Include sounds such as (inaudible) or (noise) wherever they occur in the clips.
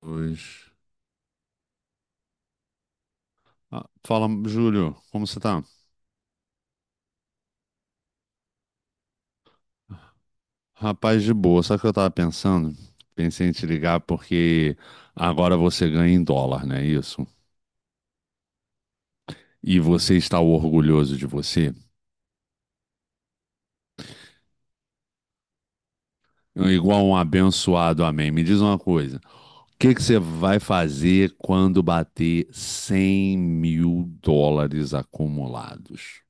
Pois. Ah, fala, Júlio, como você tá? Rapaz, de boa. Sabe o que eu tava pensando? Pensei em te ligar porque agora você ganha em dólar, não é isso? E você está orgulhoso de você? Igual um abençoado, amém. Me diz uma coisa: o que que você vai fazer quando bater 100 mil dólares acumulados?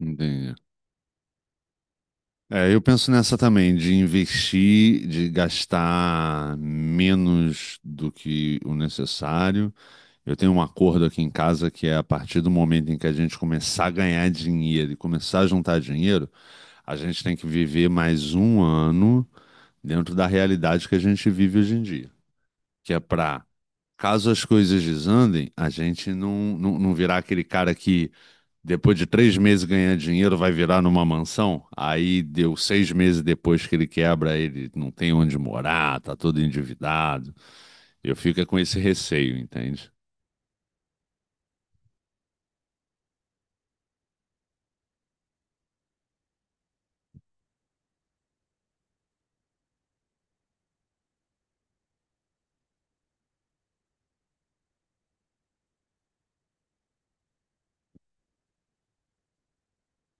Entendi. É, eu penso nessa também, de investir, de gastar menos do que o necessário. Eu tenho um acordo aqui em casa que é a partir do momento em que a gente começar a ganhar dinheiro e começar a juntar dinheiro, a gente tem que viver mais um ano dentro da realidade que a gente vive hoje em dia, que é para, caso as coisas desandem, a gente não virar aquele cara que depois de três meses ganhando dinheiro, vai virar numa mansão. Aí deu seis meses depois que ele quebra, ele não tem onde morar, tá todo endividado. Eu fico é com esse receio, entende?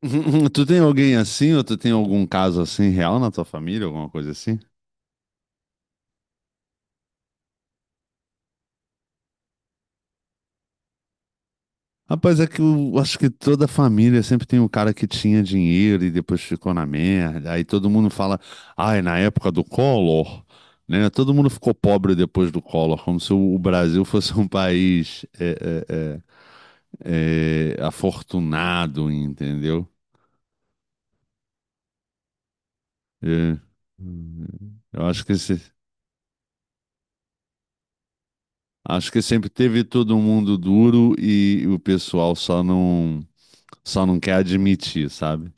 (laughs) Tu tem alguém assim, ou tu tem algum caso assim real na tua família, alguma coisa assim? Rapaz, é que eu acho que toda família sempre tem um cara que tinha dinheiro e depois ficou na merda. Aí todo mundo fala, ai, na época do Collor, né? Todo mundo ficou pobre depois do Collor, como se o Brasil (laughs) fosse um país é, afortunado, entendeu? É. Hum, Eu acho que acho que sempre teve todo mundo duro e o pessoal só não quer admitir, sabe?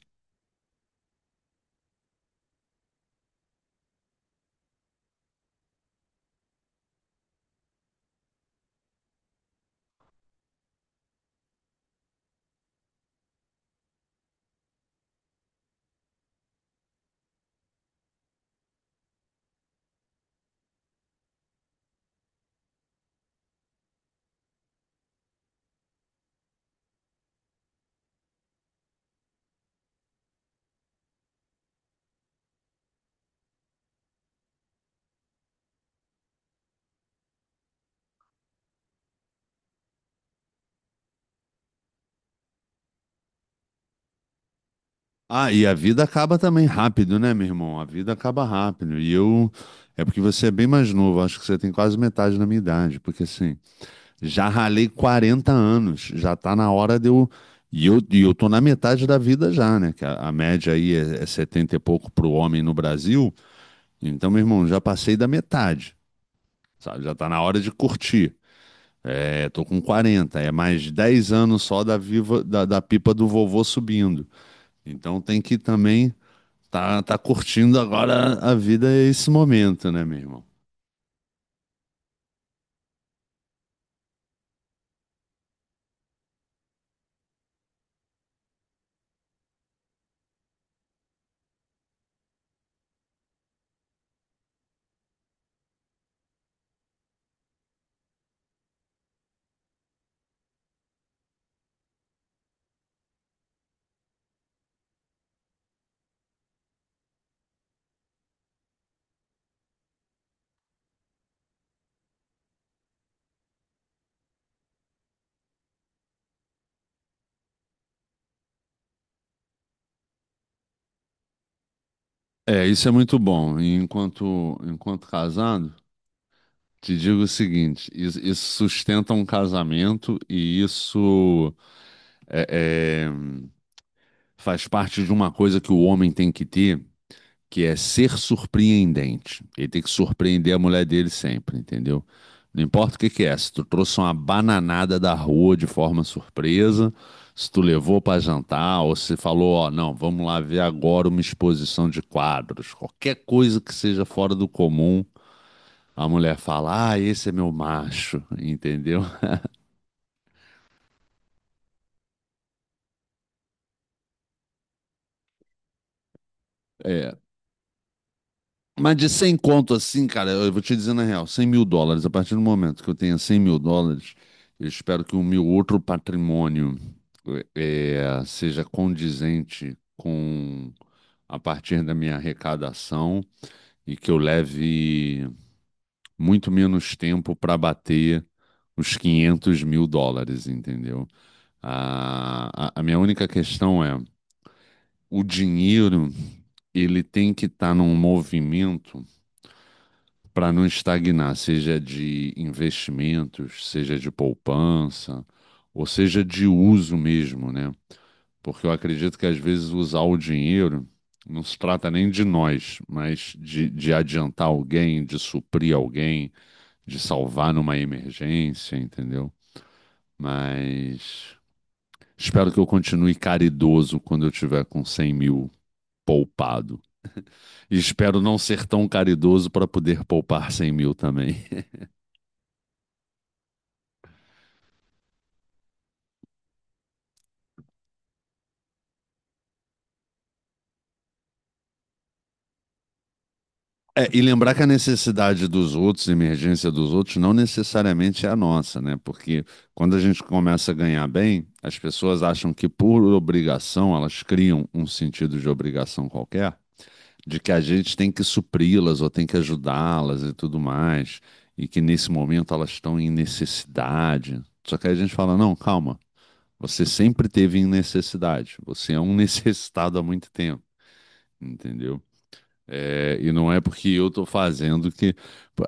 Ah, e a vida acaba também rápido, né, meu irmão? A vida acaba rápido. E eu. É porque você é bem mais novo, acho que você tem quase metade da minha idade. Porque assim, já ralei 40 anos, já tá na hora de eu. E eu tô na metade da vida já, né? Que a média aí é 70 e pouco pro homem no Brasil. Então, meu irmão, já passei da metade, sabe? Já tá na hora de curtir. É, tô com 40. É mais 10 anos só da, viva, da pipa do vovô subindo. Então tem que também. Tá, tá curtindo agora a vida e esse momento, né, meu irmão? É, isso é muito bom. E enquanto casado, te digo o seguinte: isso sustenta um casamento e isso é, é, faz parte de uma coisa que o homem tem que ter, que é ser surpreendente. Ele tem que surpreender a mulher dele sempre, entendeu? Não importa o que que é, se tu trouxe uma bananada da rua de forma surpresa, se tu levou para jantar, ou se falou, ó, não, vamos lá ver agora uma exposição de quadros, qualquer coisa que seja fora do comum, a mulher fala, ah, esse é meu macho, (laughs) entendeu? É. Mas de 100 conto assim, cara, eu vou te dizer na real, cem mil dólares, a partir do momento que eu tenha 100 mil dólares, eu espero que o meu outro patrimônio eh, seja condizente com a partir da minha arrecadação e que eu leve muito menos tempo para bater os 500 mil dólares, entendeu? A minha única questão é, o dinheiro, ele tem que estar num movimento para não estagnar, seja de investimentos, seja de poupança, ou seja de uso mesmo, né? Porque eu acredito que às vezes usar o dinheiro não se trata nem de nós, mas de adiantar alguém, de suprir alguém, de salvar numa emergência, entendeu? Mas espero que eu continue caridoso quando eu tiver com 100 mil poupado. E espero não ser tão caridoso para poder poupar 100 mil também. É, e lembrar que a necessidade dos outros, a emergência dos outros, não necessariamente é a nossa, né? Porque quando a gente começa a ganhar bem, as pessoas acham que por obrigação, elas criam um sentido de obrigação qualquer, de que a gente tem que supri-las ou tem que ajudá-las e tudo mais, e que nesse momento elas estão em necessidade. Só que aí a gente fala: não, calma, você sempre teve em necessidade, você é um (laughs) necessitado há muito tempo, entendeu? É, e não é porque eu estou fazendo que.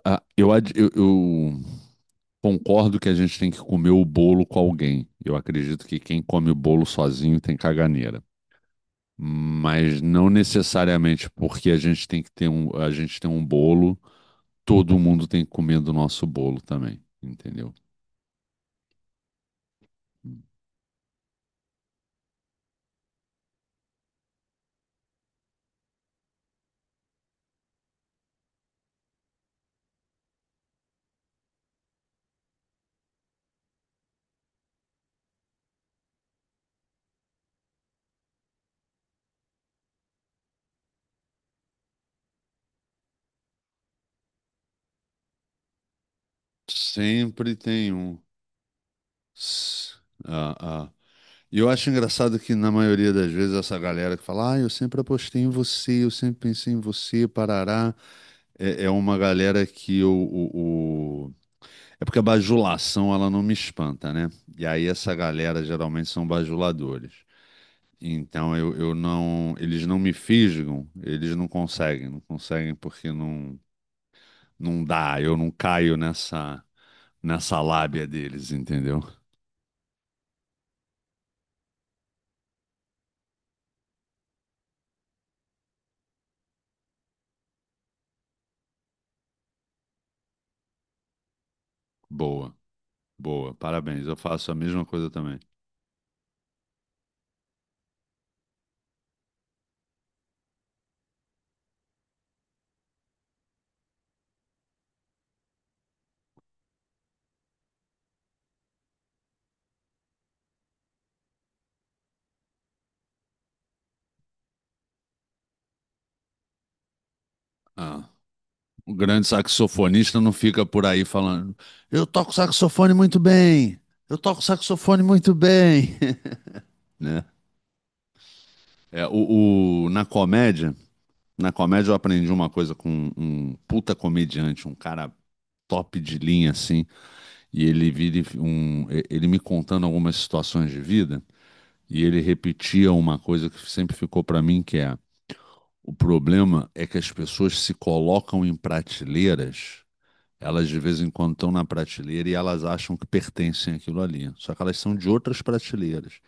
Ah, eu concordo que a gente tem que comer o bolo com alguém. Eu acredito que quem come o bolo sozinho tem caganeira. Mas não necessariamente porque a gente tem que ter um, a gente tem um bolo, todo mundo tem que comer do nosso bolo também, entendeu? Sempre tem um. S- Ah, ah. E eu acho engraçado que, na maioria das vezes, essa galera que fala, ah, eu sempre apostei em você, eu sempre pensei em você, parará, é uma galera que é porque a bajulação, ela não me espanta, né? E aí essa galera geralmente são bajuladores. Então eu não... Eles não me fisgam, eles não conseguem, não conseguem porque não dá, eu não caio nessa lábia deles, entendeu? Boa, boa, parabéns, eu faço a mesma coisa também. Ah. O grande saxofonista não fica por aí falando, eu toco saxofone muito bem, eu toco saxofone muito bem, (laughs) né? É, na comédia eu aprendi uma coisa com um puta comediante, um cara top de linha assim, e ele vira e ele me contando algumas situações de vida, e ele repetia uma coisa que sempre ficou pra mim, que é, o problema é que as pessoas se colocam em prateleiras. Elas de vez em quando estão na prateleira e elas acham que pertencem àquilo ali. Só que elas são de outras prateleiras.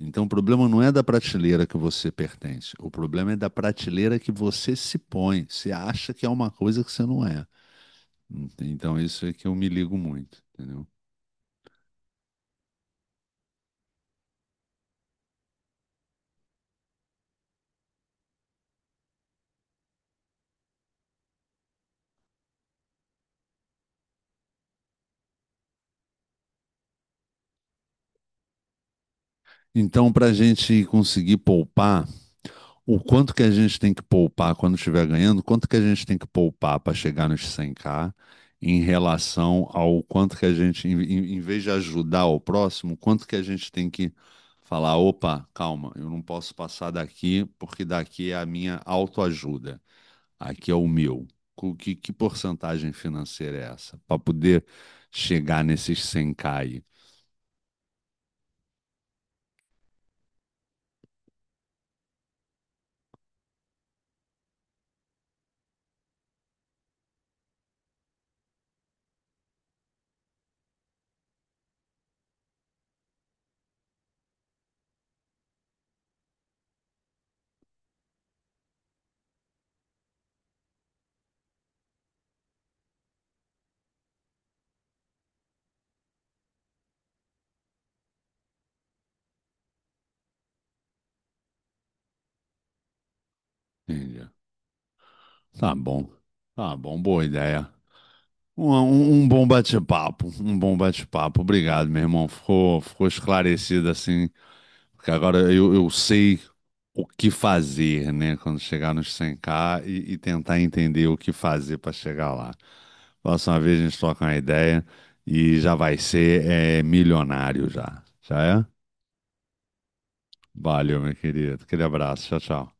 Então o problema não é da prateleira que você pertence. O problema é da prateleira que você se põe. Você acha que é uma coisa que você não é. Então isso é que eu me ligo muito, entendeu? Então, para a gente conseguir poupar o quanto que a gente tem que poupar quando estiver ganhando, quanto que a gente tem que poupar para chegar nos 100k em relação ao quanto que a gente, em vez de ajudar o próximo, quanto que a gente tem que falar, opa, calma, eu não posso passar daqui porque daqui é a minha autoajuda, aqui é o meu. Que porcentagem financeira é essa? Para poder chegar nesses 100k aí. Entendi. Tá bom. Tá bom, boa ideia. Um bom bate-papo, um bom bate-papo. Obrigado, meu irmão. Ficou esclarecido assim. Porque agora eu sei o que fazer, né? Quando chegar nos 100k e tentar entender o que fazer para chegar lá. Próxima vez a gente troca uma ideia e já vai ser é, milionário já. Já é? Valeu, meu querido. Aquele abraço. Tchau, tchau.